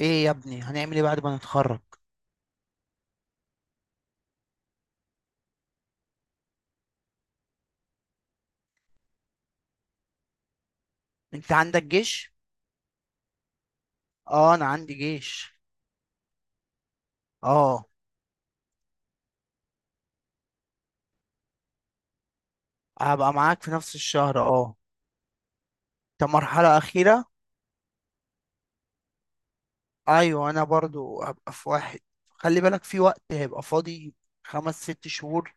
ايه يا ابني هنعمل ايه بعد ما نتخرج؟ انت عندك جيش؟ اه انا عندي جيش. اه هبقى معاك في نفس الشهر اه. انت مرحلة اخيرة؟ ايوه انا برضو هبقى في واحد. خلي بالك في وقت هيبقى فاضي، خمس ست شهور،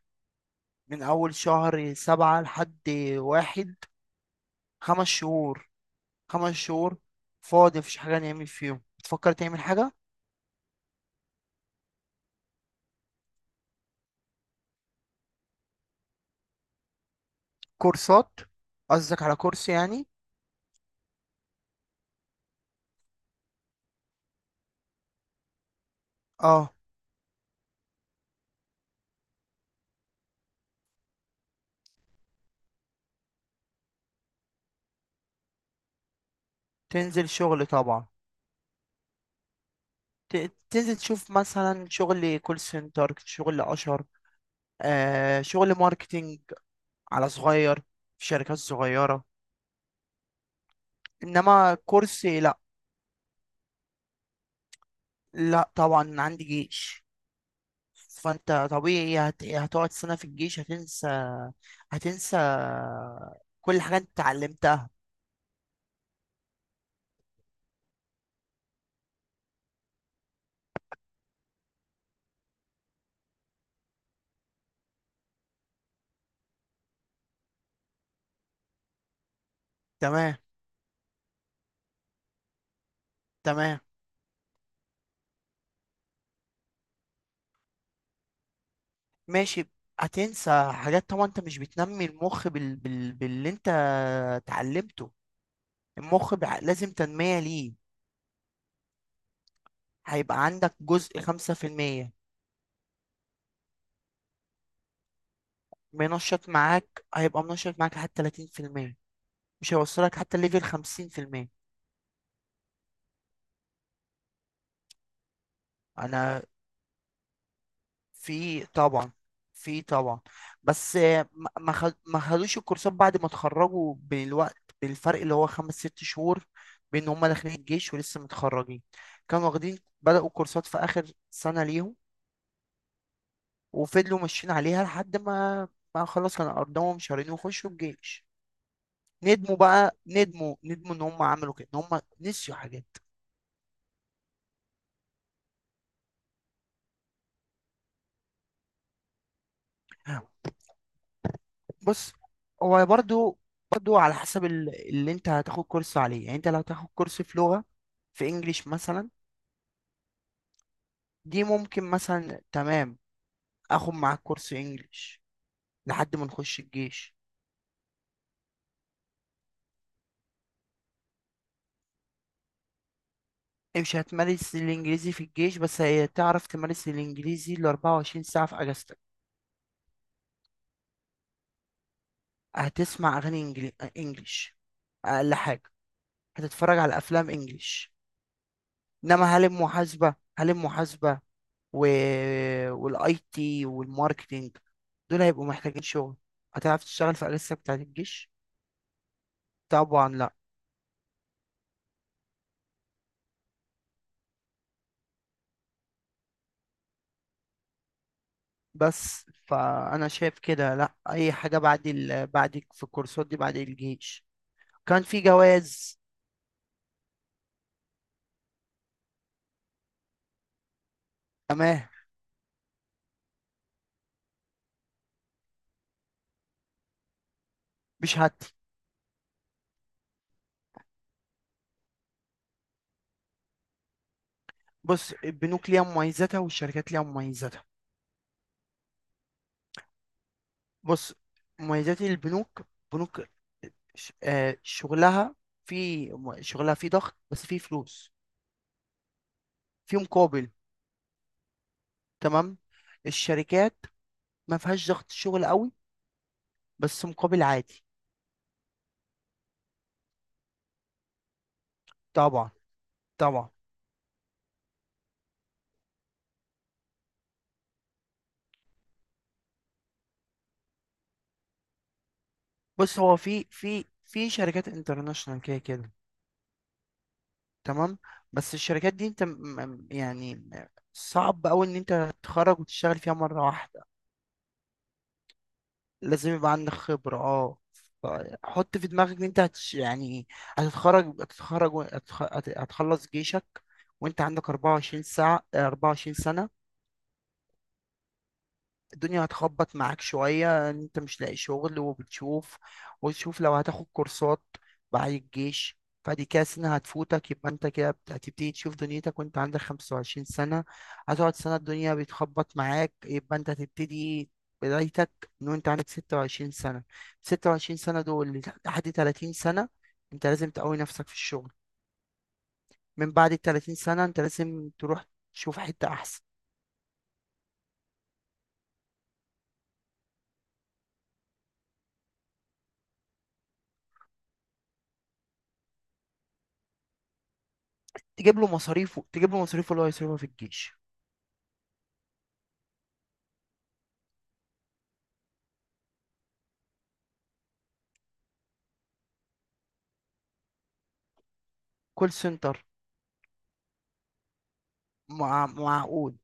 من اول شهر سبعة لحد واحد، خمس شهور، خمس شهور. فاضي مفيش حاجة نعمل فيهم، بتفكر تعمل حاجة؟ كورسات. قصدك على كورس يعني؟ اه. تنزل شغل طبعا. تنزل تشوف مثلا شغل كول سنتر، شغل اشهر، شغل ماركتينج، على صغير، في شركات صغيرة. انما كورس لا. لا طبعا عندي جيش. فانت طبيعي هتقعد سنة في الجيش هتنسى. هتنسى كل حاجة انت اتعلمتها. تمام. تمام. ماشي. هتنسى حاجات طبعا، انت مش بتنمي المخ باللي انت اتعلمته. المخ لازم تنمية ليه، هيبقى عندك جزء خمسة في المية. منشط معاك، هيبقى منشط معاك لحد تلاتين في المية، مش هيوصلك حتى ليفل خمسين في المية. أنا، في طبعا، في طبعا، بس ما خدوش الكورسات بعد ما اتخرجوا بالوقت، بالفرق اللي هو خمس ست شهور بين هما داخلين الجيش ولسه متخرجين. كانوا واخدين، بدأوا كورسات في آخر سنة ليهم وفضلوا ماشيين عليها لحد ما، ما خلاص كانوا أرضهم شهرين وخشوا الجيش، ندموا بقى، ندموا ندموا ان هم عملوا كده، ان هم نسيوا حاجات. بص هو برضو، برضو على حسب اللي انت هتاخد كورس عليه. يعني انت لو هتاخد كورس في لغة، في انجليش مثلا، دي ممكن مثلا، تمام، اخد معاك كورس انجليش لحد ما نخش الجيش. مش هتمارس الانجليزي في الجيش، بس هتعرف تمارس الانجليزي ال 24 ساعة في اجازتك. هتسمع انجليش، اقل حاجة، هتتفرج على افلام انجليش. انما هل المحاسبة، هل المحاسبة و... والاي تي والماركتينج، دول هيبقوا محتاجين شغل، هتعرف تشتغل في اجازتك بتاعت الجيش؟ طبعا لا. بس فانا شايف كده لا، اي حاجه بعد بعد، في الكورسات دي بعد الجيش. كان في جواز. تمام. بشهادتي. بص، البنوك ليها مميزاتها والشركات ليها مميزاتها. بص، مميزات البنوك، بنوك، شغلها في، شغلها في ضغط بس في فلوس، في مقابل. تمام. الشركات ما فيهاش ضغط شغل قوي، بس مقابل عادي. طبعا، طبعا. بص هو في شركات انترناشونال كده كده، تمام، بس الشركات دي انت يعني، صعب قوي ان انت تتخرج وتشتغل فيها مرة واحدة. لازم يبقى عندك خبرة اه. ف- حط في دماغك ان انت هتش يعني، هتتخرج، هتخلص جيشك وانت عندك 24 ساعة، 24 سنة. الدنيا هتخبط معاك شوية إن انت مش لاقي شغل، وبتشوف وتشوف لو هتاخد كورسات بعد الجيش، فدي كده سنة هتفوتك، يبقى انت كده هتبتدي تشوف دنيتك وانت عندك خمسة وعشرين سنة. هتقعد سنة الدنيا بتخبط معاك، يبقى انت هتبتدي بدايتك من وانت عندك ستة وعشرين سنة. ستة وعشرين سنة دول لحد تلاتين سنة، انت لازم تقوي نفسك في الشغل. من بعد التلاتين سنة انت لازم تروح تشوف حتة أحسن. تجيب له مصاريفه، تجيب له مصاريفه اللي هو يصرفها في الجيش. كول سنتر. معقول.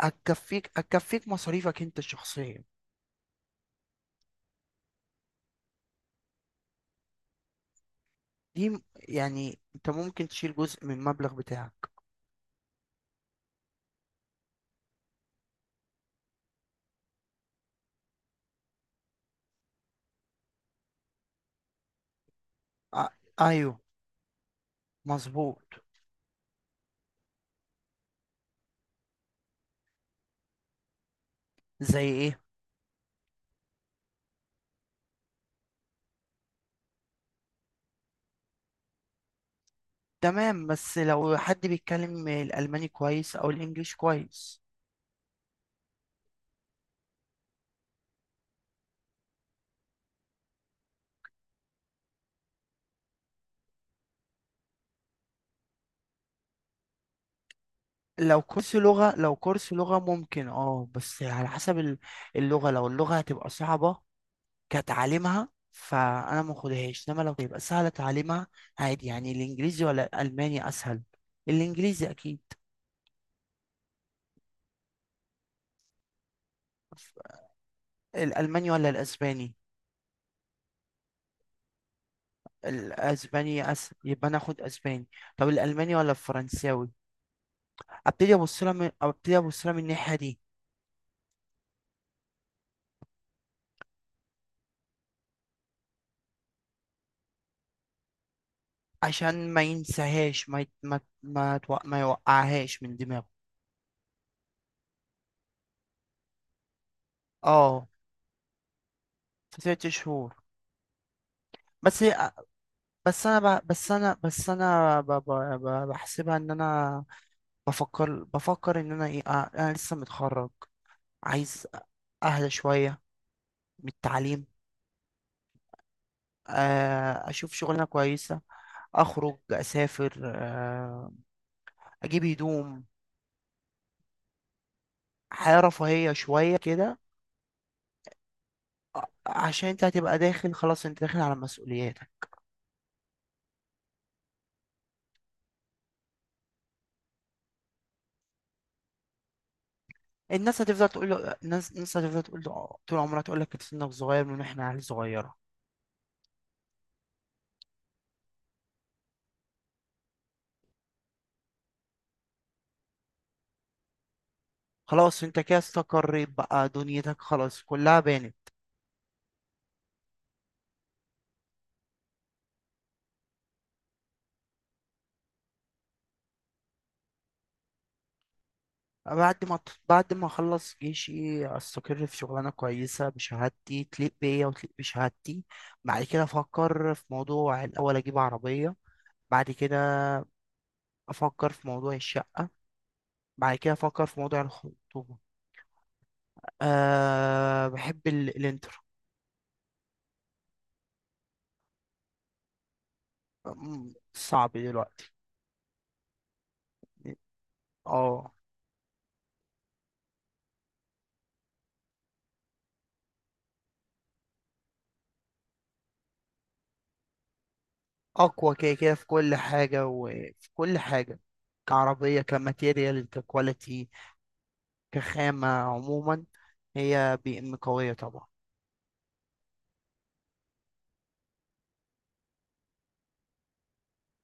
هتكفيك، هتكفيك مصاريفك انت الشخصية. دي يعني انت ممكن تشيل جزء من المبلغ بتاعك. آ... ايوه، مظبوط. زي ايه؟ تمام، بس لو حد بيتكلم الالماني كويس او الانجليش كويس. لو كورس لغة، لو كورس لغة ممكن اه، بس على حسب اللغة، لو اللغة هتبقى صعبة كتعليمها فانا ما اخدهاش، انما لو تبقى سهلة تعليمها عادي. يعني الانجليزي ولا الالماني اسهل؟ الانجليزي اكيد. الألماني ولا الأسباني؟ يبقى أنا آخد أسباني. طب الألماني ولا الفرنساوي؟ أبتدي أبص لها من، أبتدي أبص لها من الناحية دي. عشان ما ينساهاش، ما يت... ما ما, تو... ما يوقعهاش من دماغه. اه، في ست شهور. بس، بس أنا ب... بس أنا بس أنا ب... ب... ب... بحسبها إن أنا، بفكر إن أنا إيه، أنا لسه متخرج، عايز أهدى شوية من التعليم. اشوف شغلانه كويسه، اخرج، اسافر، اجيب هدوم، حياه رفاهيه شويه كده. عشان انت هتبقى داخل، خلاص انت داخل على مسؤولياتك. الناس هتفضل تقول له، الناس هتفضل تقول له طول عمرها، تقول لك سنك صغير من احنا عيال صغيره. خلاص انت كده استقريت بقى، دنيتك خلاص كلها بانت. بعد ما بعد ما اخلص جيشي، استقر في شغلانه كويسه بشهادتي، تليق بيا وتليق بشهادتي. بعد كده افكر في موضوع، الاول اجيب عربيه، بعد كده افكر في موضوع الشقه، بعد كده افكر في موضوع الخطوبه. أه بحب الانتر. صعب دلوقتي. اه. اقوى كده كده في كل حاجه وفي كل حاجه. كعربيه، كماتيريال، ككواليتي، كخامه عموما. هي بي ام قويه طبعا.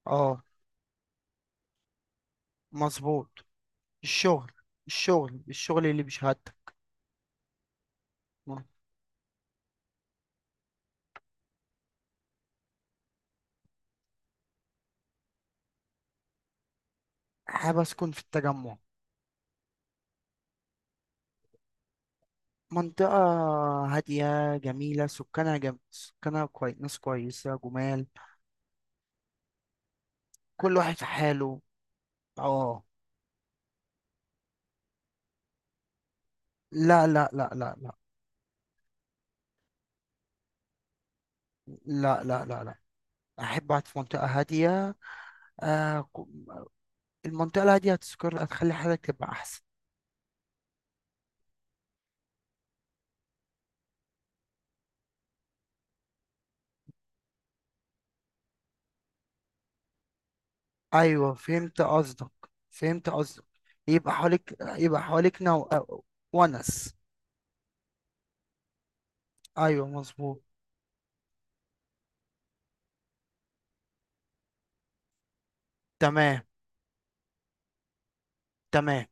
اه، مظبوط. الشغل، الشغل، الشغل اللي بشهادتك. حابب اسكن في التجمع. منطقة هادية جميلة، ناس كويسة، جمال. كل واحد في حاله. اه. لا لا لا لا لا. لا لا لا لا. أحب أقعد في منطقة هادية. آه... ك- المنطقة الهادية هتسكر، هتخلي حياتك تبقى أحسن. أيوة فهمت قصدك. فهمت قصدك. يبقى حواليك، يبقى حواليك نو... آه، ونس. أيوة مظبوط. تمام. تمام.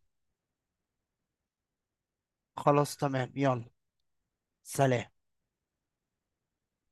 خلاص تمام، يلا. سلام.